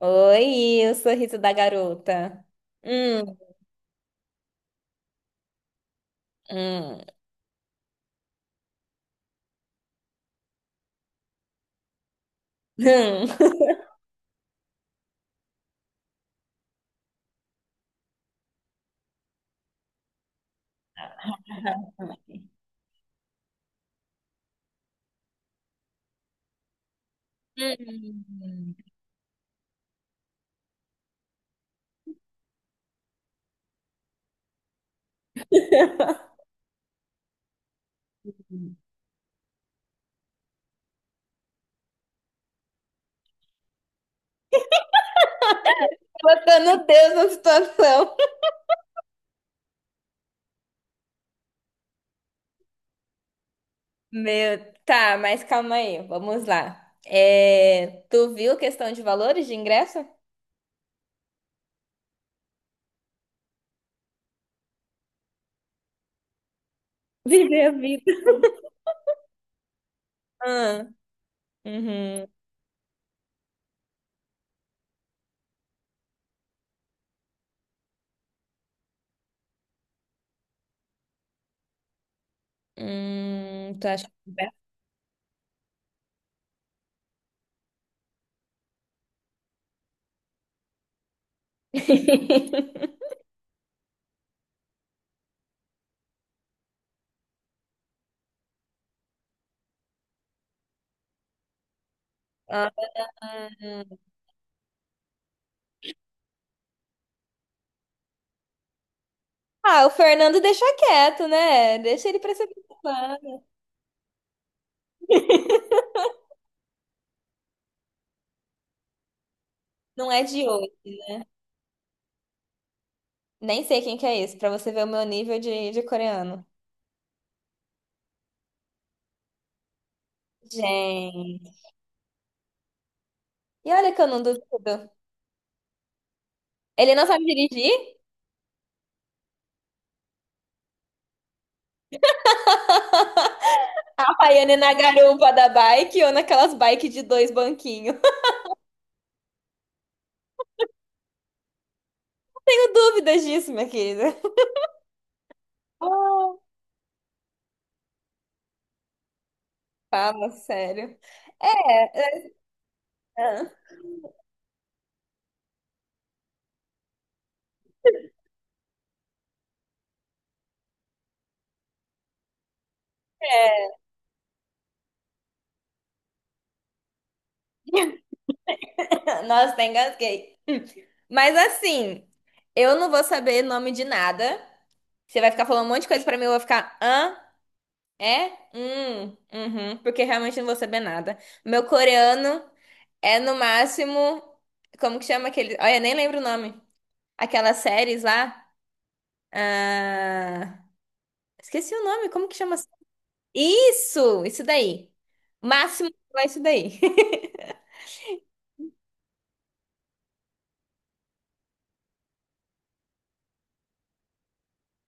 Oi, o sorriso da garota. Hum, hum, hum. Hum. Botando Deus na situação. Meu, tá, mas calma aí, vamos lá. É, tu viu questão de valores de ingresso? Viver a vida. Ah, uhum. Tu acha que... Ah, hum. Ah, o Fernando deixa quieto, né? Deixa ele pra se preocupar. Não é de hoje. Nem sei quem que é esse, pra você ver o meu nível de coreano. Gente. E olha que eu não duvido. Ele não sabe dirigir? A Havaiana na garupa da bike ou naquelas bike de dois banquinhos. Tenho dúvidas disso, minha querida. Ah, fala sério. Nossa, tá engasguei. Mas assim, eu não vou saber nome de nada. Você vai ficar falando um monte de coisa pra mim, eu vou ficar hã? É? Uhum, porque realmente eu não vou saber nada. Meu coreano. É no máximo. Como que chama aquele. Olha, nem lembro o nome. Aquelas séries lá. Ah, esqueci o nome. Como que chama? Isso! Isso daí. Máximo é isso daí.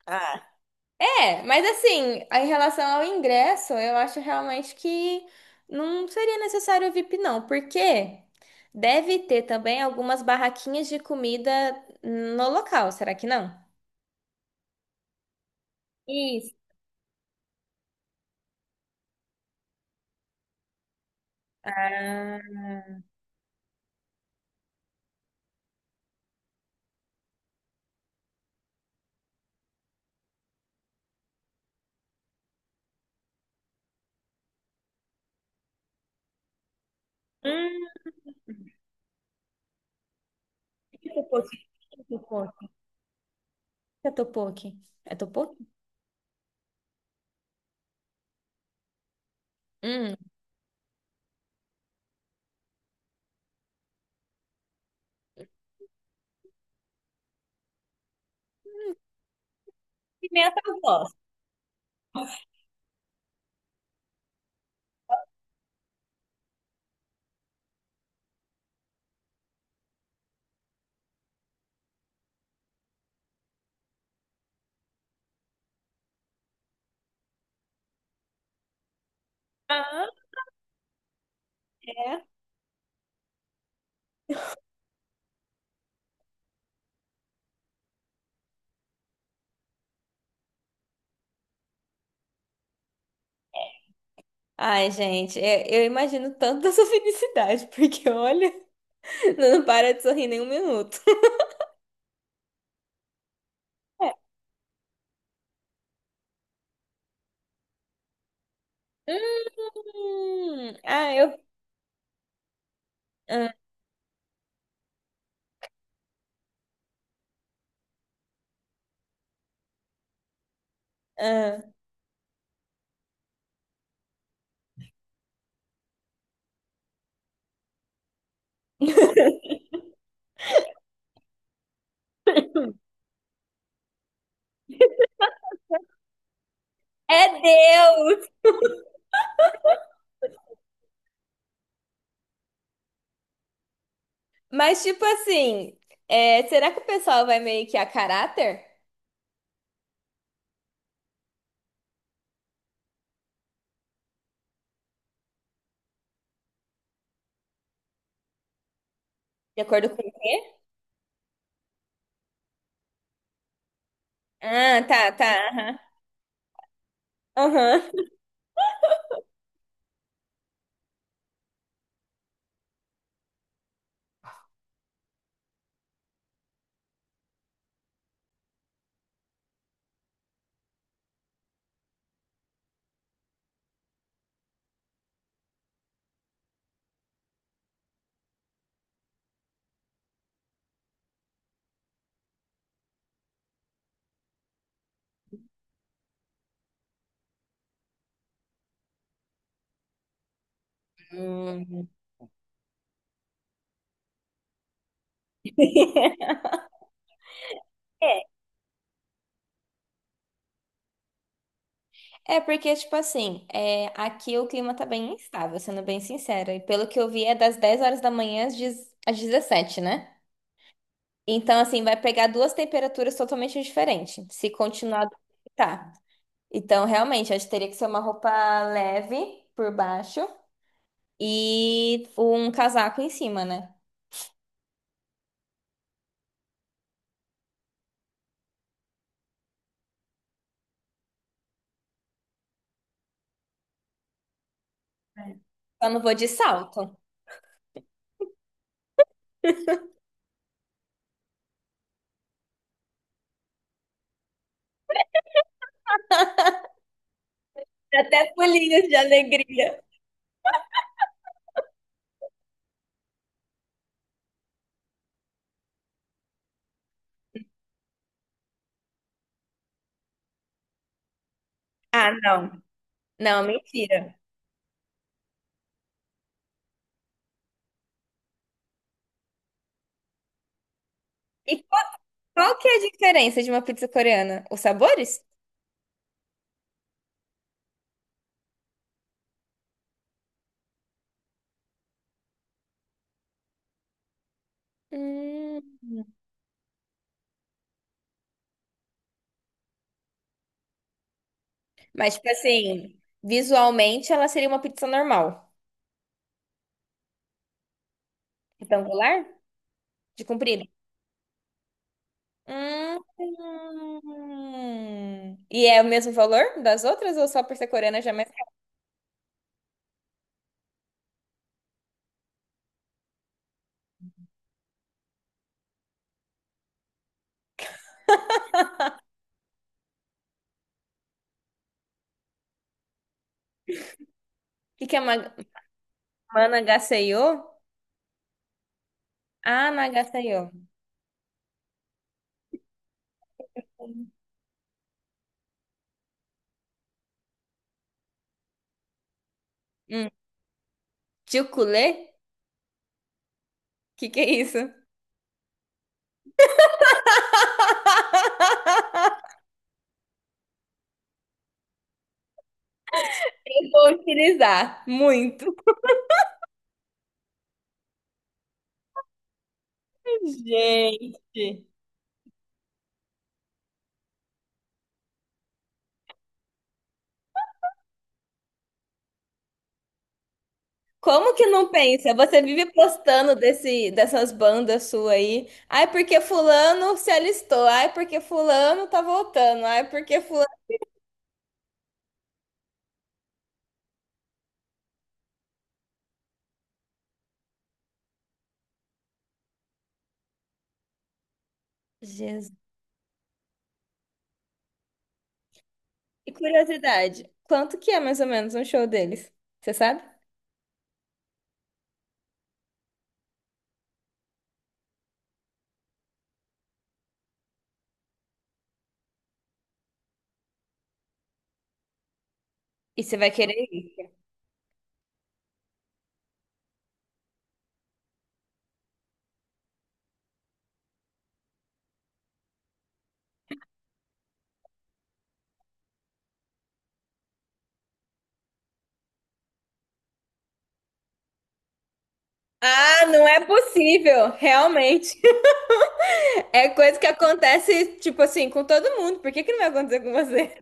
Ah, é, mas assim, em relação ao ingresso, eu acho realmente que não seria necessário o VIP, não, porque deve ter também algumas barraquinhas de comida no local, será que não? Isso. Ah, hum, tipo, é topoki. É topoki? Hum. Pimenta eu gosto. Aham, é. Ai, gente, eu imagino tanto da sua felicidade, porque olha, não para de sorrir nem um minuto. É. Hum, ah, eu. Ah, ah. É Deus! Mas, tipo assim, é, será que o pessoal vai meio que a caráter? De acordo com o quê? Ah, tá, tá. Aham. Aham. Hum. É porque, tipo assim, é, aqui o clima tá bem instável, sendo bem sincera. E pelo que eu vi, é das 10 horas da manhã às 10 às 17, né? Então, assim, vai pegar duas temperaturas totalmente diferentes, se continuar do que tá. Então, realmente, acho que teria que ser uma roupa leve por baixo e um casaco em cima, né? É. Só não vou de salto. Até pulinhos de alegria. Ah, não. Não, mentira. E qual que é a diferença de uma pizza coreana? Os sabores? Hum. Mas, tipo assim, visualmente ela seria uma pizza normal. Retangular? De comprido? Hum. E é o mesmo valor das outras ou só por ser coreana já é mais caro? O que que é managaseyo? Ah, nagaseyo. Hum. Chuculé? O que que é isso? Eu vou utilizar muito. Gente. Como que não pensa? Você vive postando desse, dessas bandas suas aí. Ai, porque fulano se alistou. Ai, porque fulano tá voltando. Ai, porque fulano. Jesus. E curiosidade, quanto que é mais ou menos um show deles? Você sabe? E você vai querer ir? Ah, não é possível, realmente. É coisa que acontece, tipo assim, com todo mundo. Por que que não vai acontecer com você?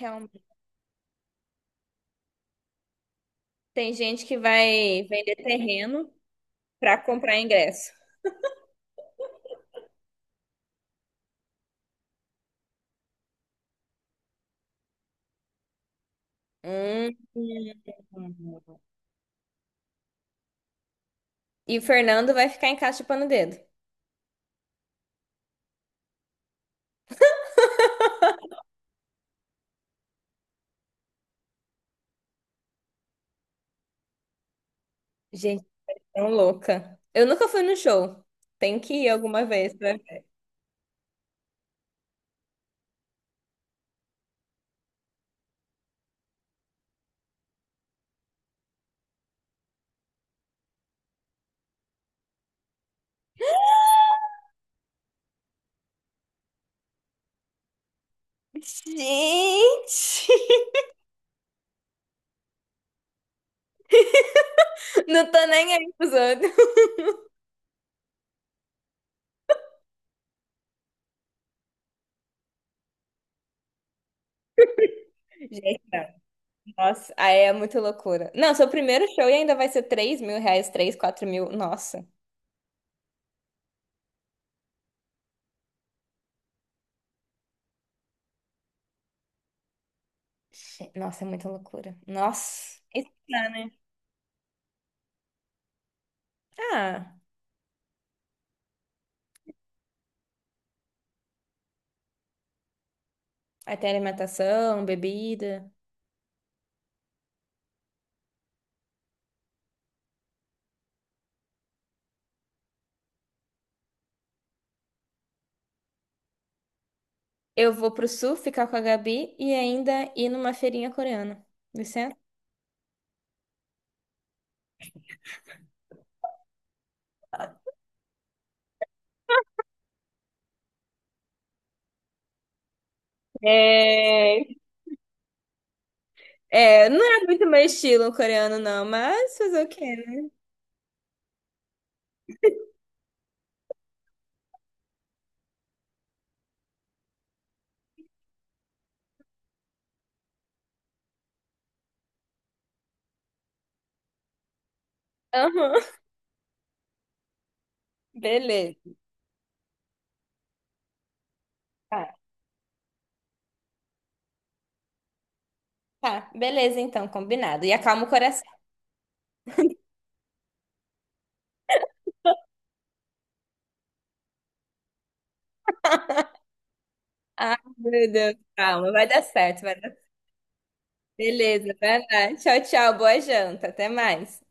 Realmente. Tem gente que vai vender terreno pra comprar ingresso. Hum. E o Fernando vai ficar em casa chupando o dedo. Gente, tão louca. Eu nunca fui no show. Tem que ir alguma vez pra ver. Gente! Não tô nem aí pros outros. Gente, não. Nossa, aí é muito loucura. Não, seu primeiro show e ainda vai ser R$ 3 mil, 3 4 mil. Nossa. Nossa, é muita loucura. Nossa. Né? Ah, aí tem alimentação, bebida. Eu vou pro sul ficar com a Gabi e ainda ir numa feirinha coreana. Vicente? É, é, não é muito meu estilo coreano, não, mas fazer o quê, né? Aham. Beleza. Tá, tá. Beleza, então, combinado. E acalma o coração. Ah, meu Deus, calma, vai dar certo, vai dar... Beleza, vai lá. Tchau, tchau, boa janta, até mais.